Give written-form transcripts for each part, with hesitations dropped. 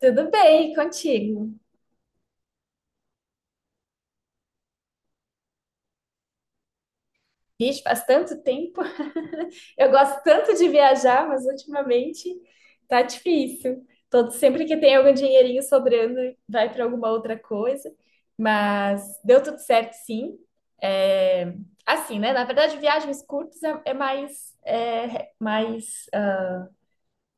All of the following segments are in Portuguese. Tudo bem, e contigo? Vixe, faz tanto tempo. Eu gosto tanto de viajar, mas ultimamente tá difícil. Sempre que tem algum dinheirinho sobrando, vai para alguma outra coisa. Mas deu tudo certo, sim. É, assim, né? Na verdade, viagens curtas é mais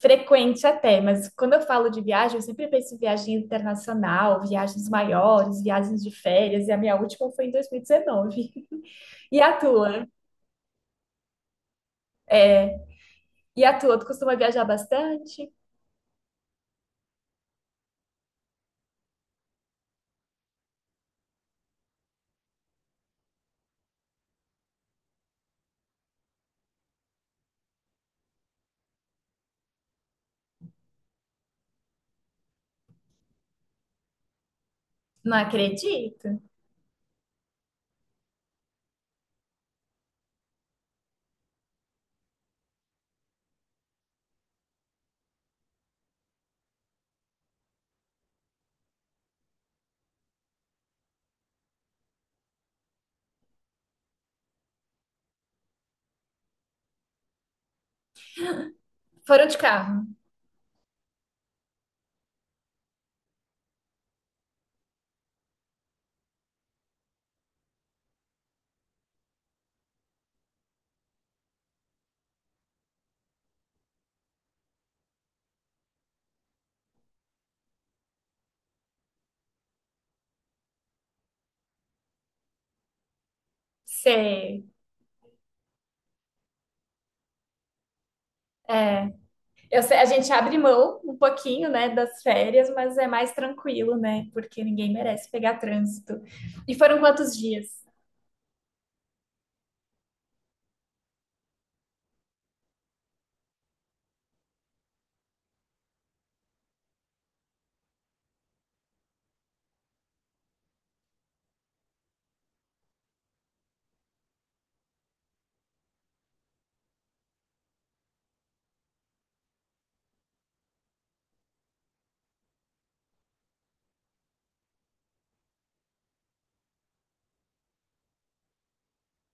frequente até. Mas quando eu falo de viagem, eu sempre penso em viagem internacional, viagens maiores, viagens de férias. E a minha última foi em 2019. E a tua? E a tua? Tu costuma viajar bastante? Não acredito. Foram de carro. Sei. É. Eu sei, a gente abre mão um pouquinho, né, das férias, mas é mais tranquilo, né? Porque ninguém merece pegar trânsito. E foram quantos dias?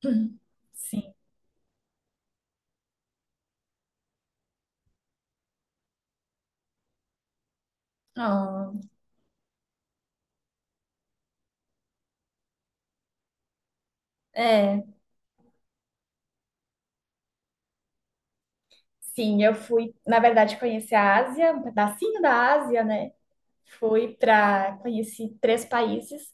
Sim. Oh, é. Sim, eu fui, na verdade, conhecer a Ásia, um pedacinho da Ásia, né? Conheci três países,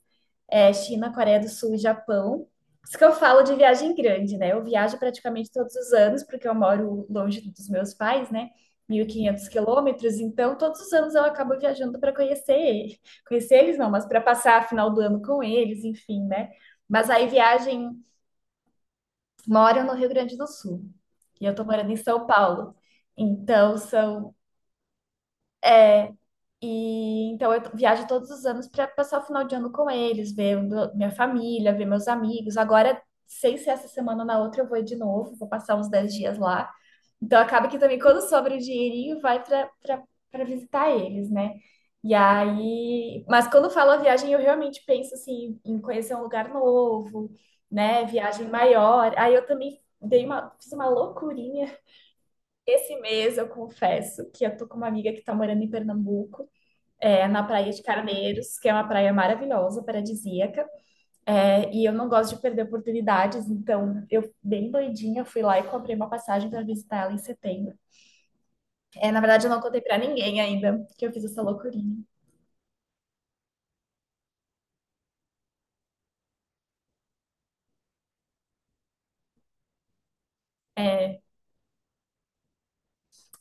é, China, Coreia do Sul e Japão. Isso que eu falo de viagem grande, né? Eu viajo praticamente todos os anos, porque eu moro longe dos meus pais, né? 1.500 quilômetros, então todos os anos eu acabo viajando para conhecer ele. Conhecer eles não, mas para passar a final do ano com eles, enfim, né? Mas aí viagem, moro no Rio Grande do Sul e eu tô morando em São Paulo. Então são E então eu viajo todos os anos para passar o final de ano com eles, ver minha família, ver meus amigos. Agora, sem ser essa semana ou na outra, eu vou de novo, vou passar uns 10 dias lá. Então acaba que também quando sobra o dinheirinho, vai para visitar eles, né? E aí, mas quando falo a viagem, eu realmente penso assim em conhecer um lugar novo, né? Viagem maior. Aí eu também fiz uma loucurinha esse mês, eu confesso, que eu tô com uma amiga que tá morando em Pernambuco, é, na Praia de Carneiros, que é uma praia maravilhosa, paradisíaca. É, e eu não gosto de perder oportunidades, então eu, bem doidinha, fui lá e comprei uma passagem para visitar ela em setembro. É, na verdade, eu não contei para ninguém ainda que eu fiz essa loucurinha.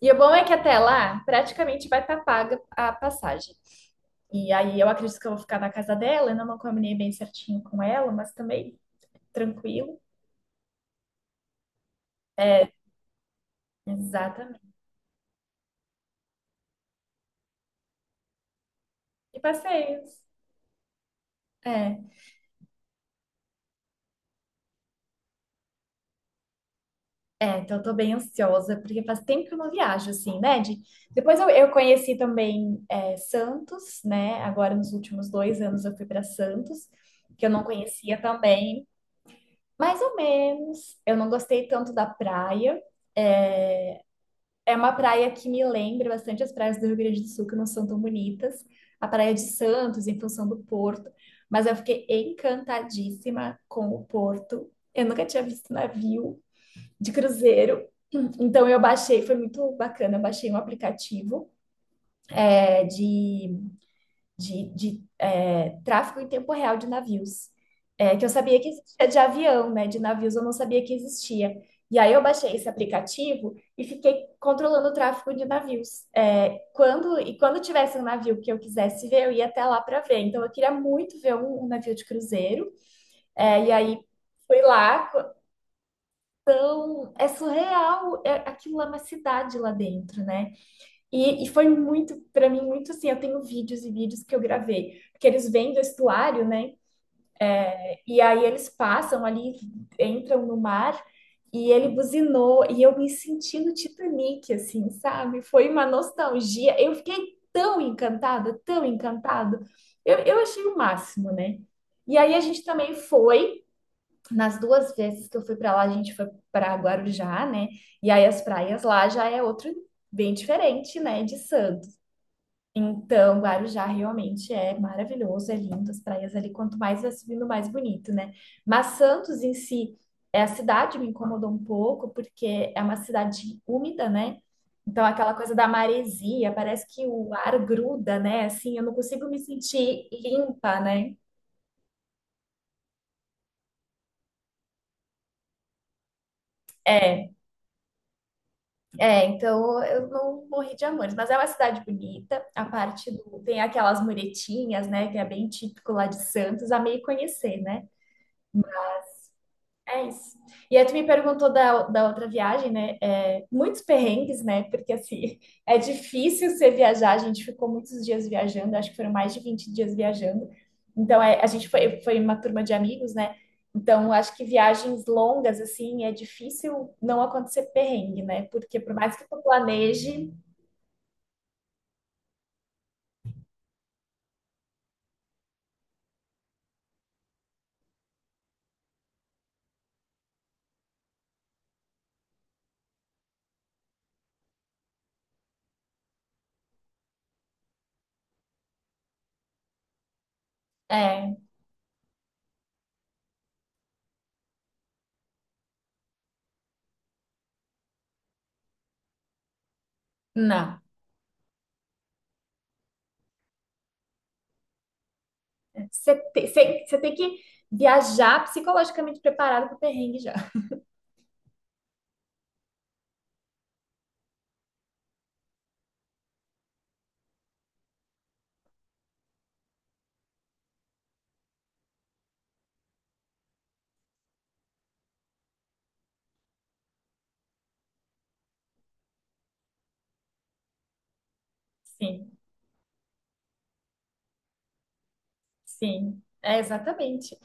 E o bom é que até lá, praticamente vai estar paga a passagem. E aí eu acredito que eu vou ficar na casa dela, ainda não combinei bem certinho com ela, mas também tranquilo. É. Exatamente. E passeios. É. É, então eu tô bem ansiosa, porque faz tempo que eu não viajo, assim, né? Depois eu conheci também, é, Santos, né? Agora, nos últimos 2 anos, eu fui para Santos, que eu não conhecia também, mais ou menos. Eu não gostei tanto da praia. É é uma praia que me lembra bastante as praias do Rio Grande do Sul, que não são tão bonitas. A praia de Santos, em função do porto. Mas eu fiquei encantadíssima com o porto. Eu nunca tinha visto navio de cruzeiro. Então eu baixei, foi muito bacana, eu baixei um aplicativo é, de, de tráfego em tempo real de navios, que eu sabia que existia de avião, né? De navios eu não sabia que existia. E aí eu baixei esse aplicativo e fiquei controlando o tráfego de navios. Quando e quando tivesse um navio que eu quisesse ver, eu ia até lá para ver. Então eu queria muito ver um navio de cruzeiro. E aí fui lá. É surreal, aquilo lá é uma cidade lá dentro, né? E foi muito, pra mim, muito assim. Eu tenho vídeos e vídeos que eu gravei, porque eles vêm do estuário, né? E aí eles passam ali, entram no mar, e ele buzinou, e eu me senti no Titanic, assim, sabe? Foi uma nostalgia. Eu fiquei tão encantada, tão encantada. Eu achei o máximo, né? E aí a gente também foi. Nas duas vezes que eu fui para lá, a gente foi para Guarujá, né? E aí as praias lá já é outro bem diferente, né, de Santos. Então, Guarujá realmente é maravilhoso, é lindo, as praias ali, quanto mais vai subindo, mais bonito, né? Mas Santos em si, a cidade me incomodou um pouco, porque é uma cidade úmida, né? Então, aquela coisa da maresia, parece que o ar gruda, né? Assim, eu não consigo me sentir limpa, né? É. É, então eu não morri de amores, mas é uma cidade bonita. A parte do. Tem aquelas muretinhas, né? Que é bem típico lá de Santos, a meio conhecer, né? É isso. E aí tu me perguntou da outra viagem, né? É, muitos perrengues, né? Porque assim, é difícil você viajar, a gente ficou muitos dias viajando, acho que foram mais de 20 dias viajando. Então, a gente foi uma turma de amigos, né? Então, acho que viagens longas, assim, é difícil não acontecer perrengue, né? Porque por mais que tu planeje, é, não. Você tem que viajar psicologicamente preparado para o perrengue já. Sim, sim, é exatamente.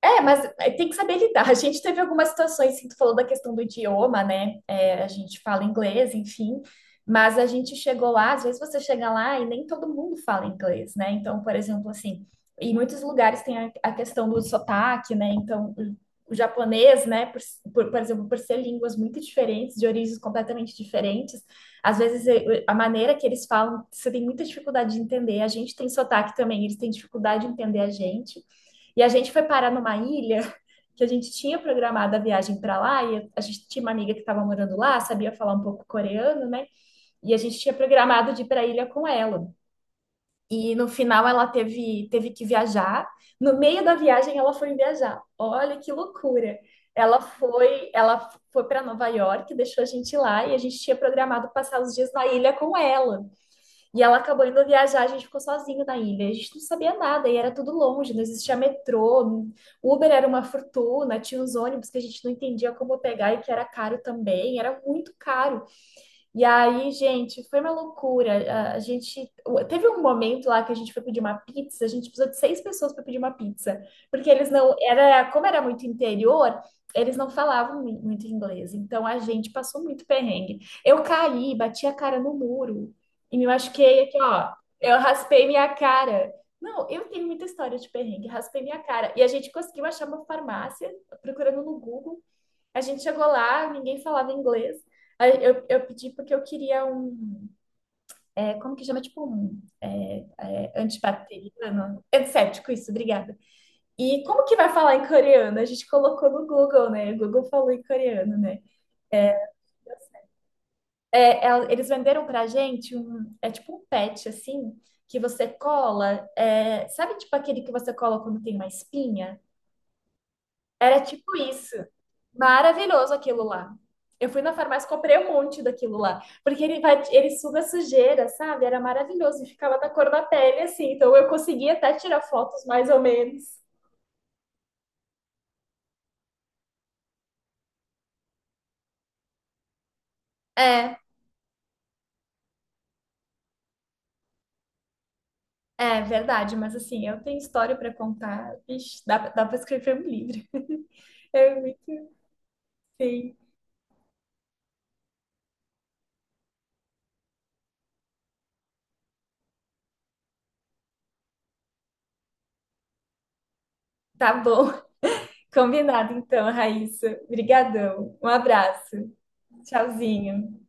É, mas tem que saber lidar. A gente teve algumas situações, assim, tu falou da questão do idioma, né? É, a gente fala inglês, enfim, mas a gente chegou lá, às vezes você chega lá e nem todo mundo fala inglês, né? Então, por exemplo, assim, em muitos lugares tem a questão do sotaque, né? Então, o japonês, né? Por exemplo, por ser línguas muito diferentes, de origens completamente diferentes, às vezes a maneira que eles falam, você tem muita dificuldade de entender. A gente tem sotaque também, eles têm dificuldade de entender a gente. E a gente foi parar numa ilha que a gente tinha programado a viagem para lá e a gente tinha uma amiga que estava morando lá, sabia falar um pouco coreano, né? E a gente tinha programado de ir para a ilha com ela. E no final ela teve que viajar. No meio da viagem ela foi viajar. Olha que loucura. Ela foi para Nova York, deixou a gente lá e a gente tinha programado passar os dias na ilha com ela. E ela acabou indo viajar, a gente ficou sozinho na ilha. A gente não sabia nada e era tudo longe, não existia metrô, Uber era uma fortuna, tinha os ônibus que a gente não entendia como pegar e que era caro também, era muito caro. E aí, gente, foi uma loucura. A gente teve um momento lá que a gente foi pedir uma pizza, a gente precisou de seis pessoas para pedir uma pizza, porque eles não era, como era muito interior, eles não falavam muito inglês. Então a gente passou muito perrengue. Eu caí, bati a cara no muro e me machuquei aqui, ó. Eu raspei minha cara. Não, eu tenho muita história de perrengue, raspei minha cara. E a gente conseguiu achar uma farmácia procurando no Google. A gente chegou lá, ninguém falava inglês. Aí eu pedi porque eu queria um. Como que chama? Tipo um. Antibacteriano? Antisséptico, isso, obrigada. E como que vai falar em coreano? A gente colocou no Google, né? O Google falou em coreano, né? É, eles venderam pra gente um. É tipo um patch, assim, que você cola. Sabe, tipo aquele que você cola quando tem uma espinha? Era tipo isso. Maravilhoso aquilo lá. Eu fui na farmácia comprei um monte daquilo lá. Porque ele suga sujeira, sabe? Era maravilhoso. E ficava da cor da pele, assim. Então eu conseguia até tirar fotos, mais ou menos. É, é verdade. Mas assim, eu tenho história pra contar. Vixe, dá pra escrever um livro. É muito, sim. Tá bom. Combinado então, Raíssa. Obrigadão. Um abraço. Tchauzinho.